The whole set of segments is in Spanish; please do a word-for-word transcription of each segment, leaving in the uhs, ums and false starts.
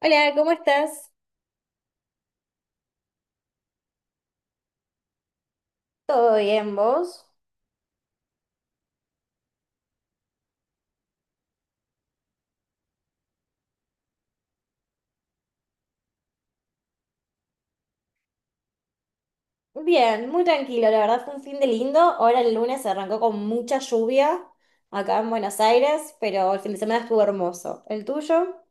Hola, ¿cómo estás? ¿Todo bien, vos? Bien, muy tranquilo, la verdad fue un fin de lindo. Ahora el lunes arrancó con mucha lluvia acá en Buenos Aires, pero el fin de semana estuvo hermoso. ¿El tuyo?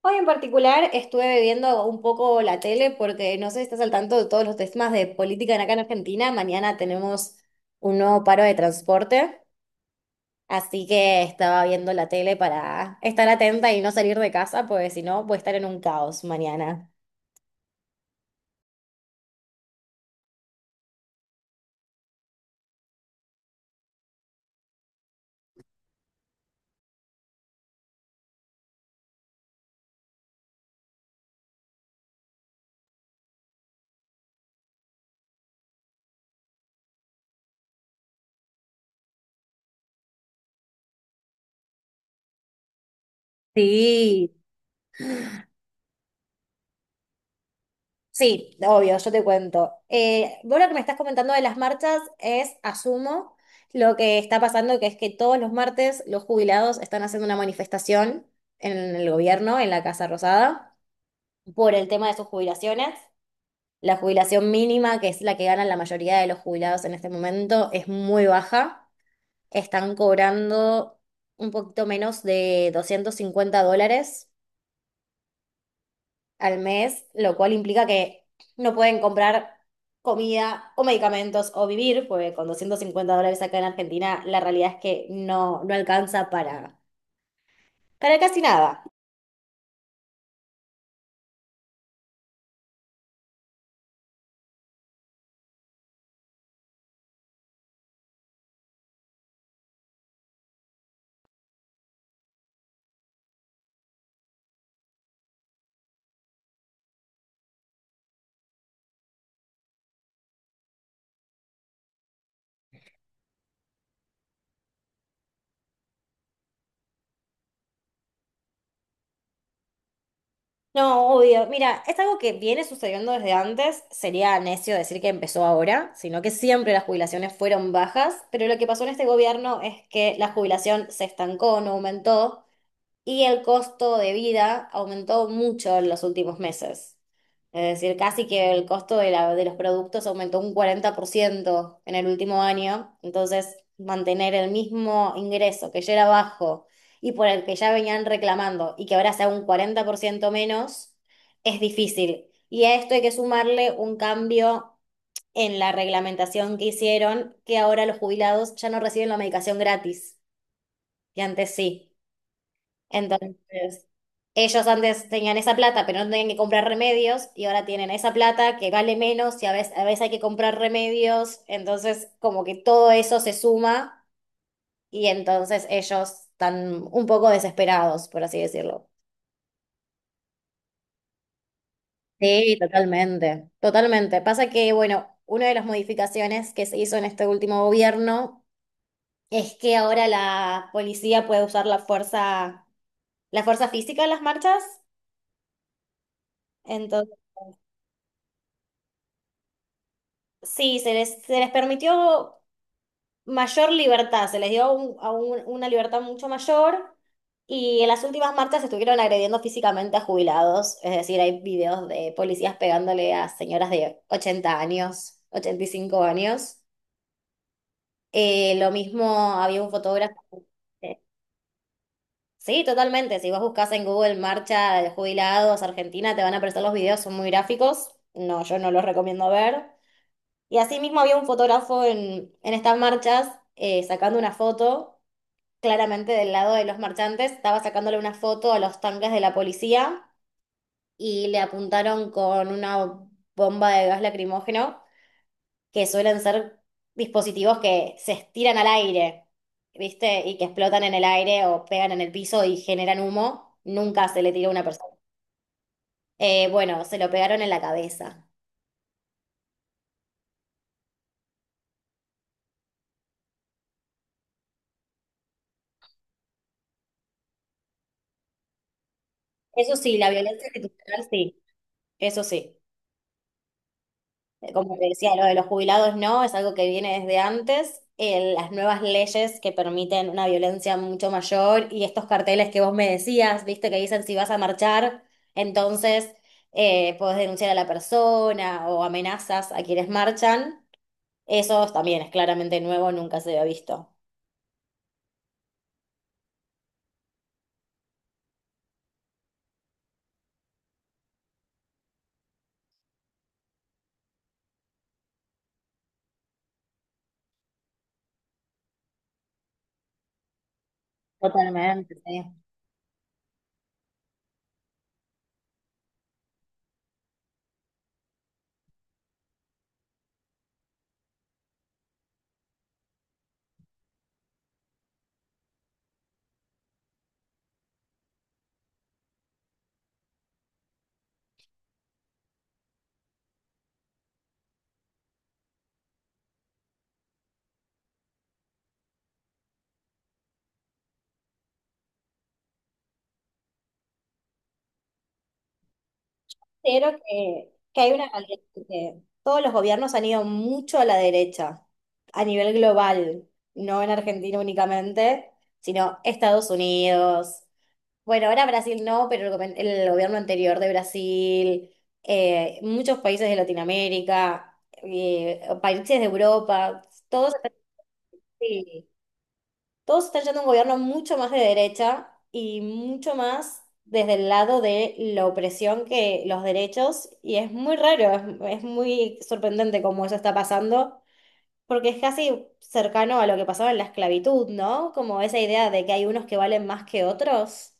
Hoy en particular estuve viendo un poco la tele porque no sé si estás al tanto de todos los temas de política en acá en Argentina. Mañana tenemos un nuevo paro de transporte, así que estaba viendo la tele para estar atenta y no salir de casa, porque si no voy a estar en un caos mañana. Sí. Sí, obvio, yo te cuento. Eh, vos lo que me estás comentando de las marchas es, asumo, lo que está pasando, que es que todos los martes los jubilados están haciendo una manifestación en el gobierno, en la Casa Rosada, por el tema de sus jubilaciones. La jubilación mínima, que es la que ganan la mayoría de los jubilados en este momento, es muy baja. Están cobrando un poquito menos de doscientos cincuenta dólares al mes, lo cual implica que no pueden comprar comida o medicamentos o vivir, porque con doscientos cincuenta dólares acá en Argentina la realidad es que no, no alcanza para, para casi nada. No, obvio. Mira, es algo que viene sucediendo desde antes. Sería necio decir que empezó ahora, sino que siempre las jubilaciones fueron bajas, pero lo que pasó en este gobierno es que la jubilación se estancó, no aumentó. Y el costo de vida aumentó mucho en los últimos meses. Es decir, casi que el costo de, la- de los productos aumentó un cuarenta por ciento en el último año. Entonces, mantener el mismo ingreso que ya era bajo y por el que ya venían reclamando y que ahora sea un cuarenta por ciento menos, es difícil. Y a esto hay que sumarle un cambio en la reglamentación que hicieron, que ahora los jubilados ya no reciben la medicación gratis, y antes sí. Entonces, ellos antes tenían esa plata, pero no tenían que comprar remedios, y ahora tienen esa plata que vale menos y a veces, a veces hay que comprar remedios. Entonces, como que todo eso se suma y entonces ellos están un poco desesperados, por así decirlo. Sí, totalmente, totalmente. Pasa que, bueno, una de las modificaciones que se hizo en este último gobierno es que ahora la policía puede usar la fuerza, la fuerza física en las marchas. Sí, se les, se les permitió mayor libertad, se les dio un- a un- una libertad mucho mayor y en las últimas marchas estuvieron agrediendo físicamente a jubilados, es decir, hay videos de policías pegándole a señoras de ochenta años, ochenta y cinco años. Eh, lo mismo había un fotógrafo. eh, Sí, totalmente, si vos buscas en Google marcha de jubilados Argentina, te van a aparecer los videos, son muy gráficos, no, yo no los recomiendo ver. Y así mismo había un fotógrafo en, en estas marchas eh, sacando una foto, claramente del lado de los marchantes, estaba sacándole una foto a los tanques de la policía y le apuntaron con una bomba de gas lacrimógeno, que suelen ser dispositivos que se estiran al aire, ¿viste? Y que explotan en el aire o pegan en el piso y generan humo. Nunca se le tiró a una persona. Eh, bueno, se lo pegaron en la cabeza. Eso sí, la violencia institucional sí, eso sí. Eh, Como te decía, lo de los jubilados no, es algo que viene desde antes. Eh, las nuevas leyes que permiten una violencia mucho mayor y estos carteles que vos me decías, viste, que dicen si vas a marchar, entonces eh, podés denunciar a la persona o amenazas a quienes marchan. Eso también es claramente nuevo, nunca se había visto. Totalmente, sí. Considero que, que hay una realidad que todos los gobiernos han ido mucho a la derecha, a nivel global, no en Argentina únicamente, sino Estados Unidos. Bueno, ahora Brasil no, pero el, gobe- el gobierno anterior de Brasil, eh, muchos países de Latinoamérica, eh, países de Europa, todos están todos están yendo a un gobierno mucho más de derecha y mucho más desde el lado de la opresión que los derechos, y es muy raro, es, es muy sorprendente cómo eso está pasando, porque es casi cercano a lo que pasaba en la esclavitud, ¿no? Como esa idea de que hay unos que valen más que otros.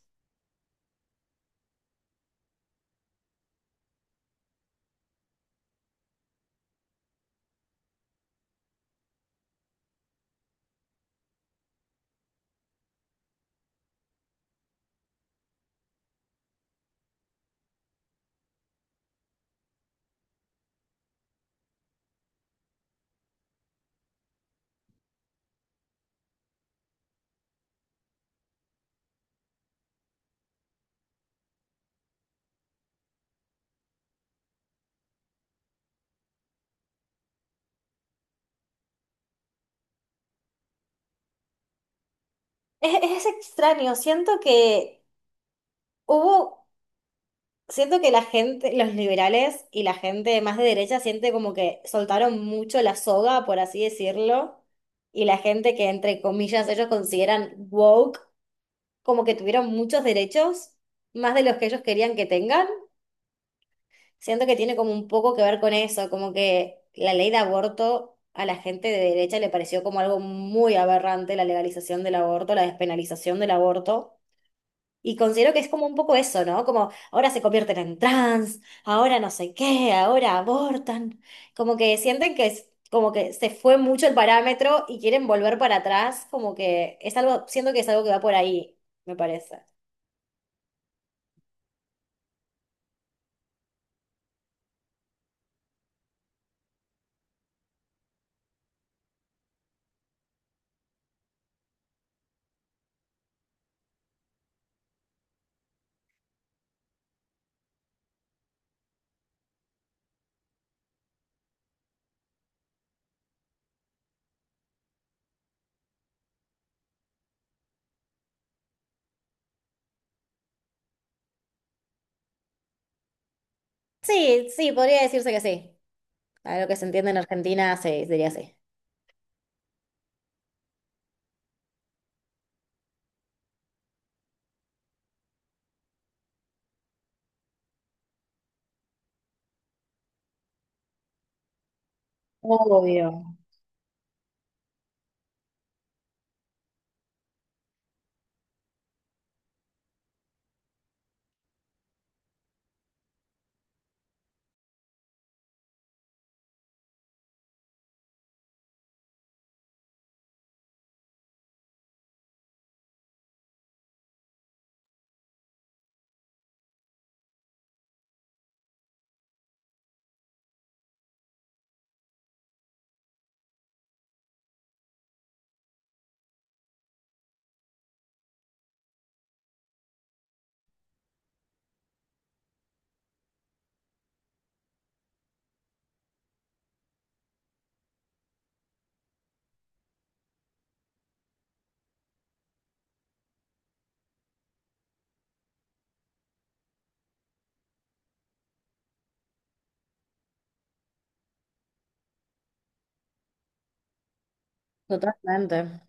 Es, es extraño, siento que hubo siento que la gente, los liberales y la gente más de derecha siente como que soltaron mucho la soga, por así decirlo, y la gente que entre comillas ellos consideran woke, como que tuvieron muchos derechos, más de los que ellos querían que tengan. Siento que tiene como un poco que ver con eso, como que la ley de aborto a la gente de derecha le pareció como algo muy aberrante, la legalización del aborto, la despenalización del aborto. Y considero que es como un poco eso, ¿no? Como ahora se convierten en trans, ahora no sé qué, ahora abortan. Como que sienten que es, como que se fue mucho el parámetro y quieren volver para atrás, como que es algo, siento que es algo que va por ahí, me parece. Sí, sí, podría decirse que sí. A lo que se entiende en Argentina, sí, diría sí. Obvio. Totalmente.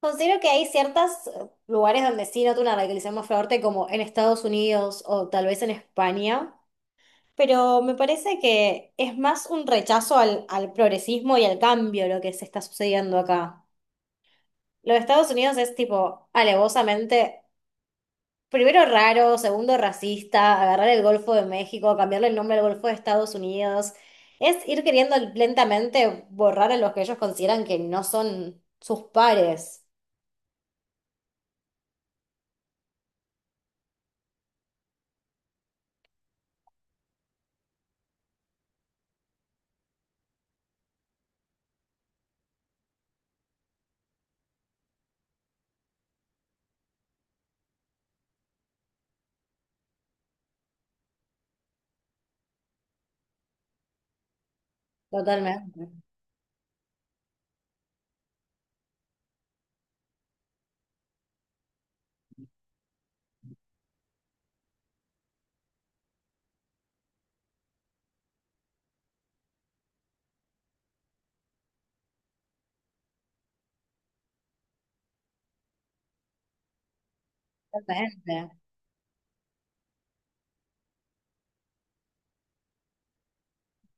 Considero que hay ciertos lugares donde sí noto una radicalización más fuerte, como en Estados Unidos o tal vez en España. Pero me parece que es más un rechazo al, al progresismo y al cambio lo que se está sucediendo acá. Lo de Estados Unidos es tipo alevosamente, primero raro, segundo racista, agarrar el Golfo de México, cambiarle el nombre al Golfo de Estados Unidos. Es ir queriendo lentamente borrar a los que ellos consideran que no son sus pares. Totalmente, totalmente.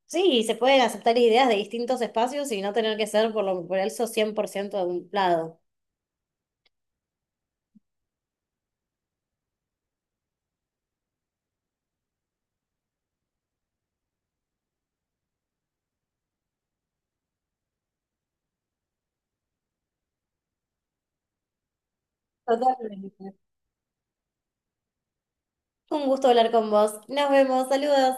Sí, se pueden aceptar ideas de distintos espacios y no tener que ser por lo por eso cien por ciento de un lado. Totalmente. Un gusto hablar con vos. Nos vemos. Saludos.